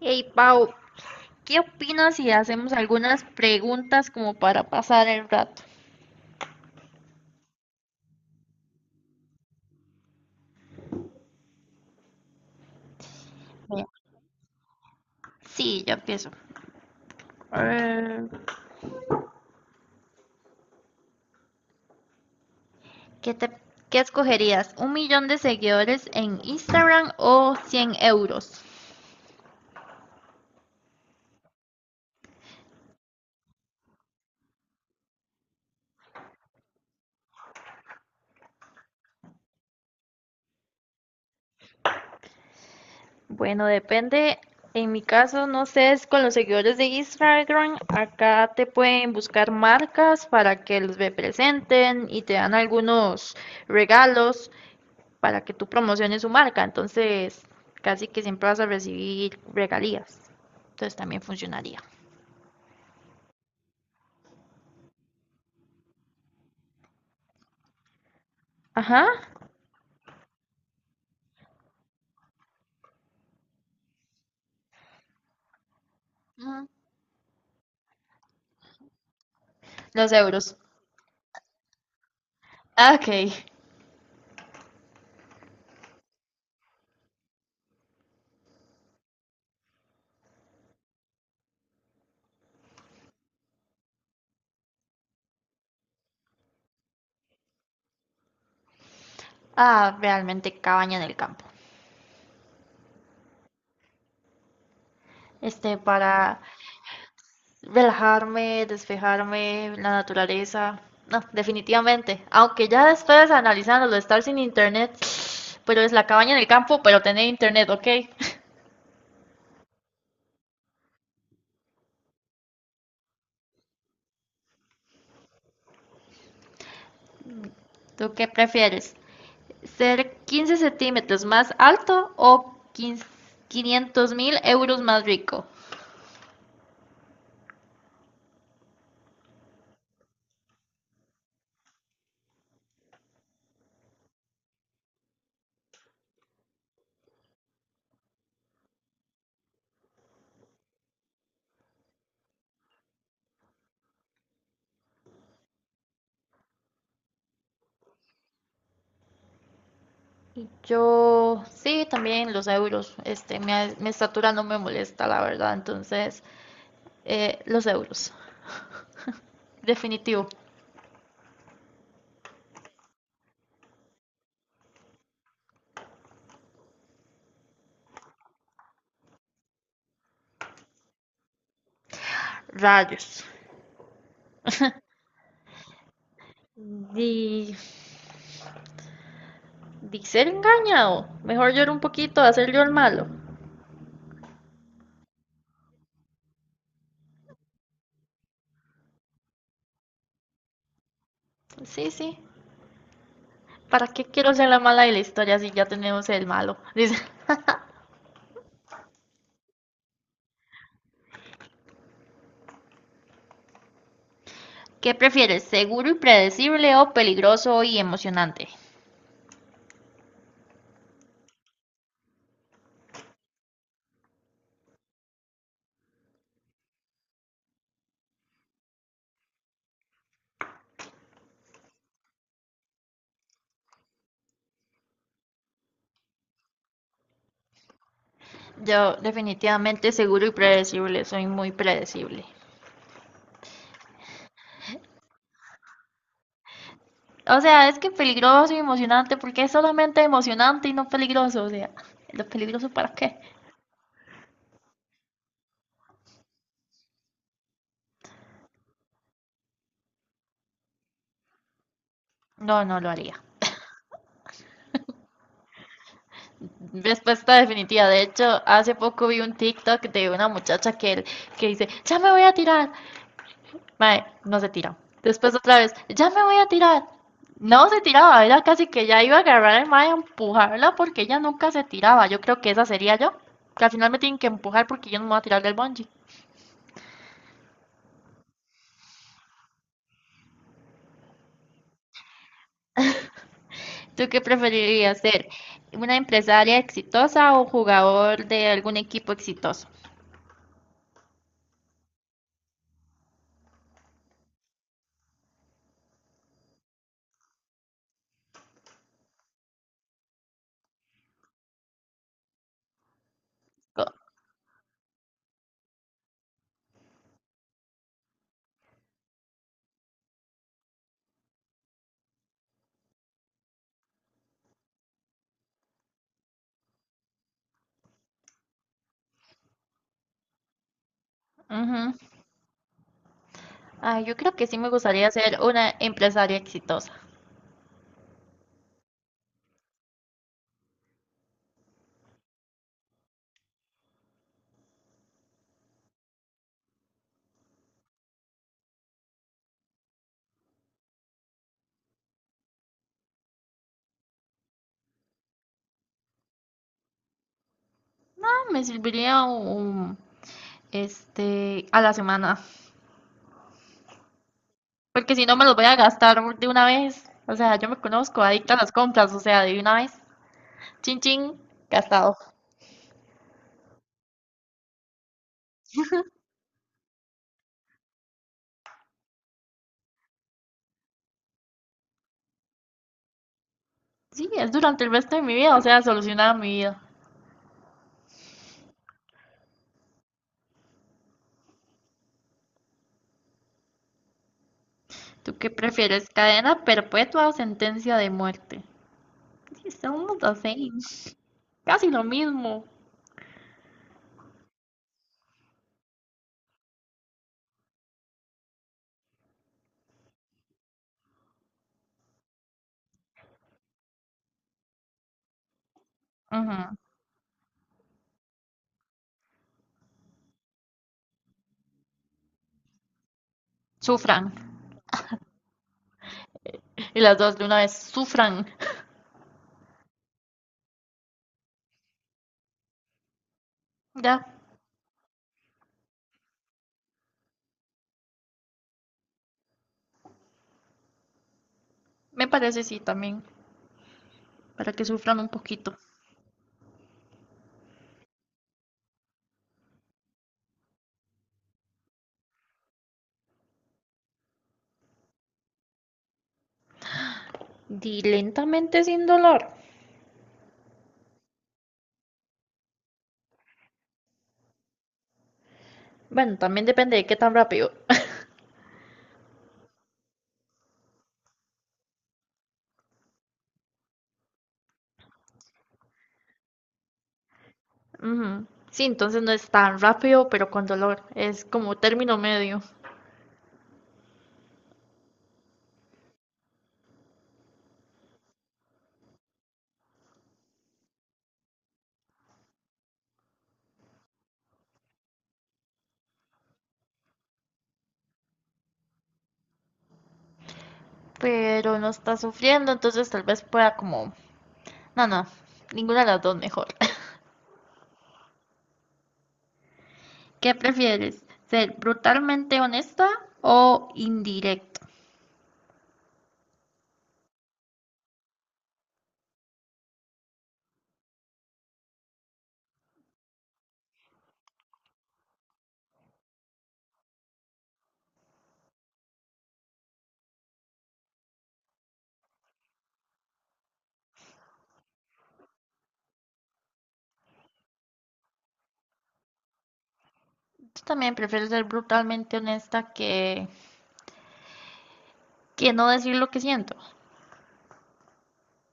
Hey Pau, ¿qué opinas si hacemos algunas preguntas como para pasar el rato? Mira, sí, yo empiezo. Eh, ¿qué te, Qué escogerías? ¿Un millón de seguidores en Instagram o 100 euros? Bueno, depende. En mi caso, no sé, es con los seguidores de Instagram. Acá te pueden buscar marcas para que los representen y te dan algunos regalos para que tú promociones su marca. Entonces, casi que siempre vas a recibir regalías. Entonces también funcionaría. Ajá. Mm, Los euros. Ah, ok. Ah, realmente cabaña en el campo. Para relajarme, despejarme, la naturaleza. No, definitivamente. Aunque ya después analizándolo, estar sin internet, pero es la cabaña en el campo, pero tener internet, ¿ok? ¿Tú qué prefieres? ¿Ser 15 centímetros más alto o 500 mil euros más rico? Yo, sí, también los euros. Mi estatura no me molesta, la verdad. Entonces, los euros. Definitivo. Rayos. Di, di ser engañado. Mejor llorar un poquito, hacer yo el malo. Sí, sí. ¿Para qué quiero ser la mala de la historia si ya tenemos el malo? Dice. ¿Qué prefieres, seguro y predecible o peligroso y emocionante? Yo definitivamente seguro y predecible, soy muy predecible. O sea, es que peligroso y emocionante, porque es solamente emocionante y no peligroso. O sea, ¿lo peligroso para qué? No, no lo haría. Respuesta definitiva. De hecho, hace poco vi un TikTok de una muchacha que dice, ya me voy a tirar, mae, no se tira. Después otra vez, ya me voy a tirar. No se tiraba, era casi que ya iba a agarrar al mae a empujarla porque ella nunca se tiraba. Yo creo que esa sería yo. Que al final me tienen que empujar porque yo no me voy a tirar del bungee. ¿Tú qué preferirías ser? ¿Una empresaria exitosa o jugador de algún equipo exitoso? Co- Ujú. Ay, yo creo que sí me gustaría ser una empresaria exitosa. Ah, me serviría un, este, A la semana. Porque si no me los voy a gastar de una vez. O sea, yo me conozco, adicta a las compras, o sea, de una vez. Chin chin, gastado. Sí, es durante el resto de mi vida, o sea, solucionada mi vida. ¿Tú qué prefieres? ¿Cadena perpetua o sentencia de muerte? Sí, somos the same. Casi lo mismo. Ujú. Sufran. Y las dos de una vez, sufran. Ya, me parece sí también, para que sufran un poquito. Di lentamente sin dolor. Bueno, también depende de qué tan rápido. Ujú. Sí, entonces no es tan rápido, pero con dolor. Es como término medio. Pero no está sufriendo, entonces tal vez pueda como... No, no, ninguna de las dos mejor. ¿Qué prefieres? ¿Ser brutalmente honesta o indirecto? Yo también prefiero ser brutalmente honesta que no decir lo que siento.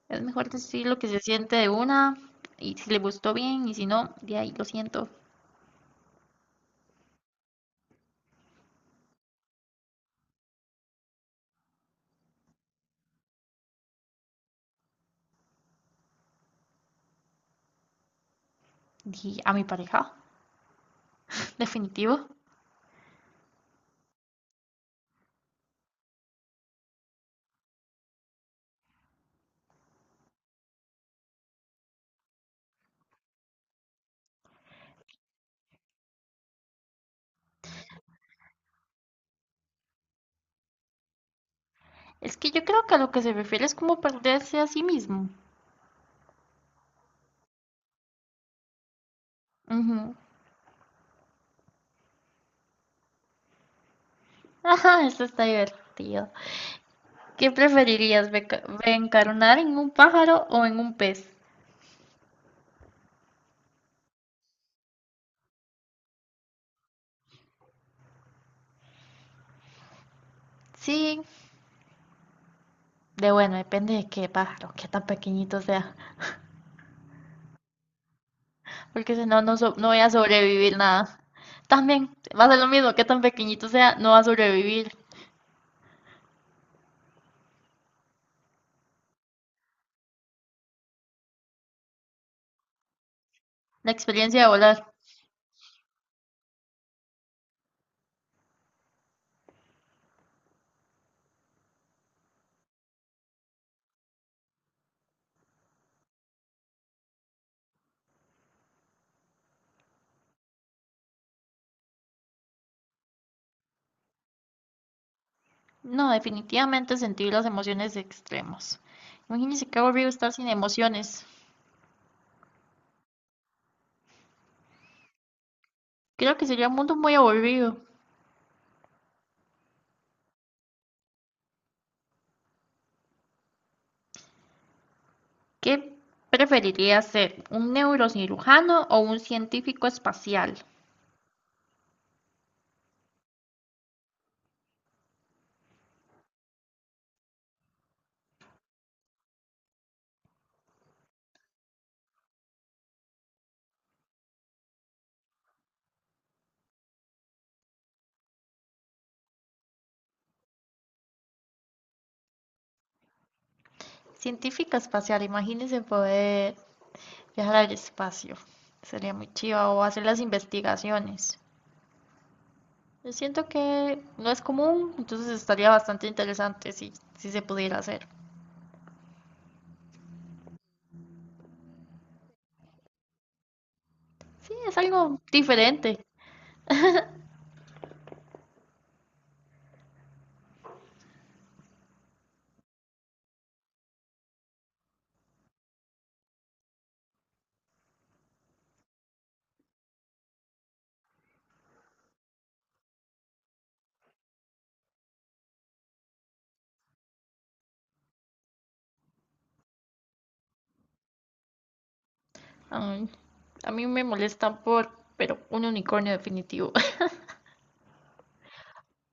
Es mejor decir lo que se siente de una, y si le gustó bien y si no, de ahí lo siento. Y a mi pareja, definitivo. Es que yo creo que a lo que se refiere es como perderse a sí mismo. Ujú. Ajá, esto está divertido. ¿Qué preferirías, reencarnar en un pájaro o en un pez? Sí, de bueno, depende de qué pájaro, qué tan pequeñito sea, porque si no, no voy a sobrevivir nada. También va a ser lo mismo, qué tan pequeñito sea, no va a sobrevivir. La experiencia de volar. No, definitivamente sentir las emociones extremas. Imagínense qué aburrido estar sin emociones. Creo que sería un mundo muy aburrido. ¿Qué preferiría ser? ¿Un neurocirujano o un científico espacial? Científica espacial, imagínense poder viajar al espacio. Sería muy chiva o hacer las investigaciones. Yo siento que no es común, entonces estaría bastante interesante si se pudiera hacer. Sí, es algo diferente. Ay, a mí me molestan por, pero un unicornio definitivo.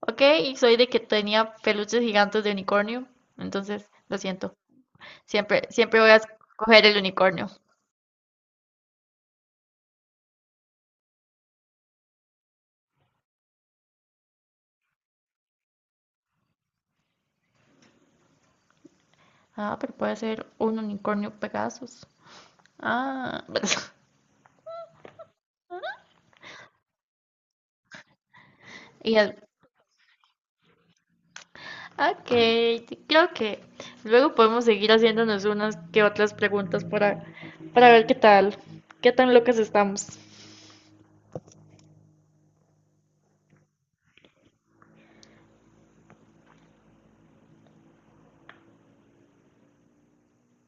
Ok, y soy de que tenía peluches gigantes de unicornio, entonces lo siento. Siempre, siempre voy a escoger el unicornio. Ah, pero puede ser un unicornio Pegasus. Ah, y el- ok, creo que luego podemos seguir haciéndonos unas que otras preguntas para ver qué tal, qué tan locas estamos.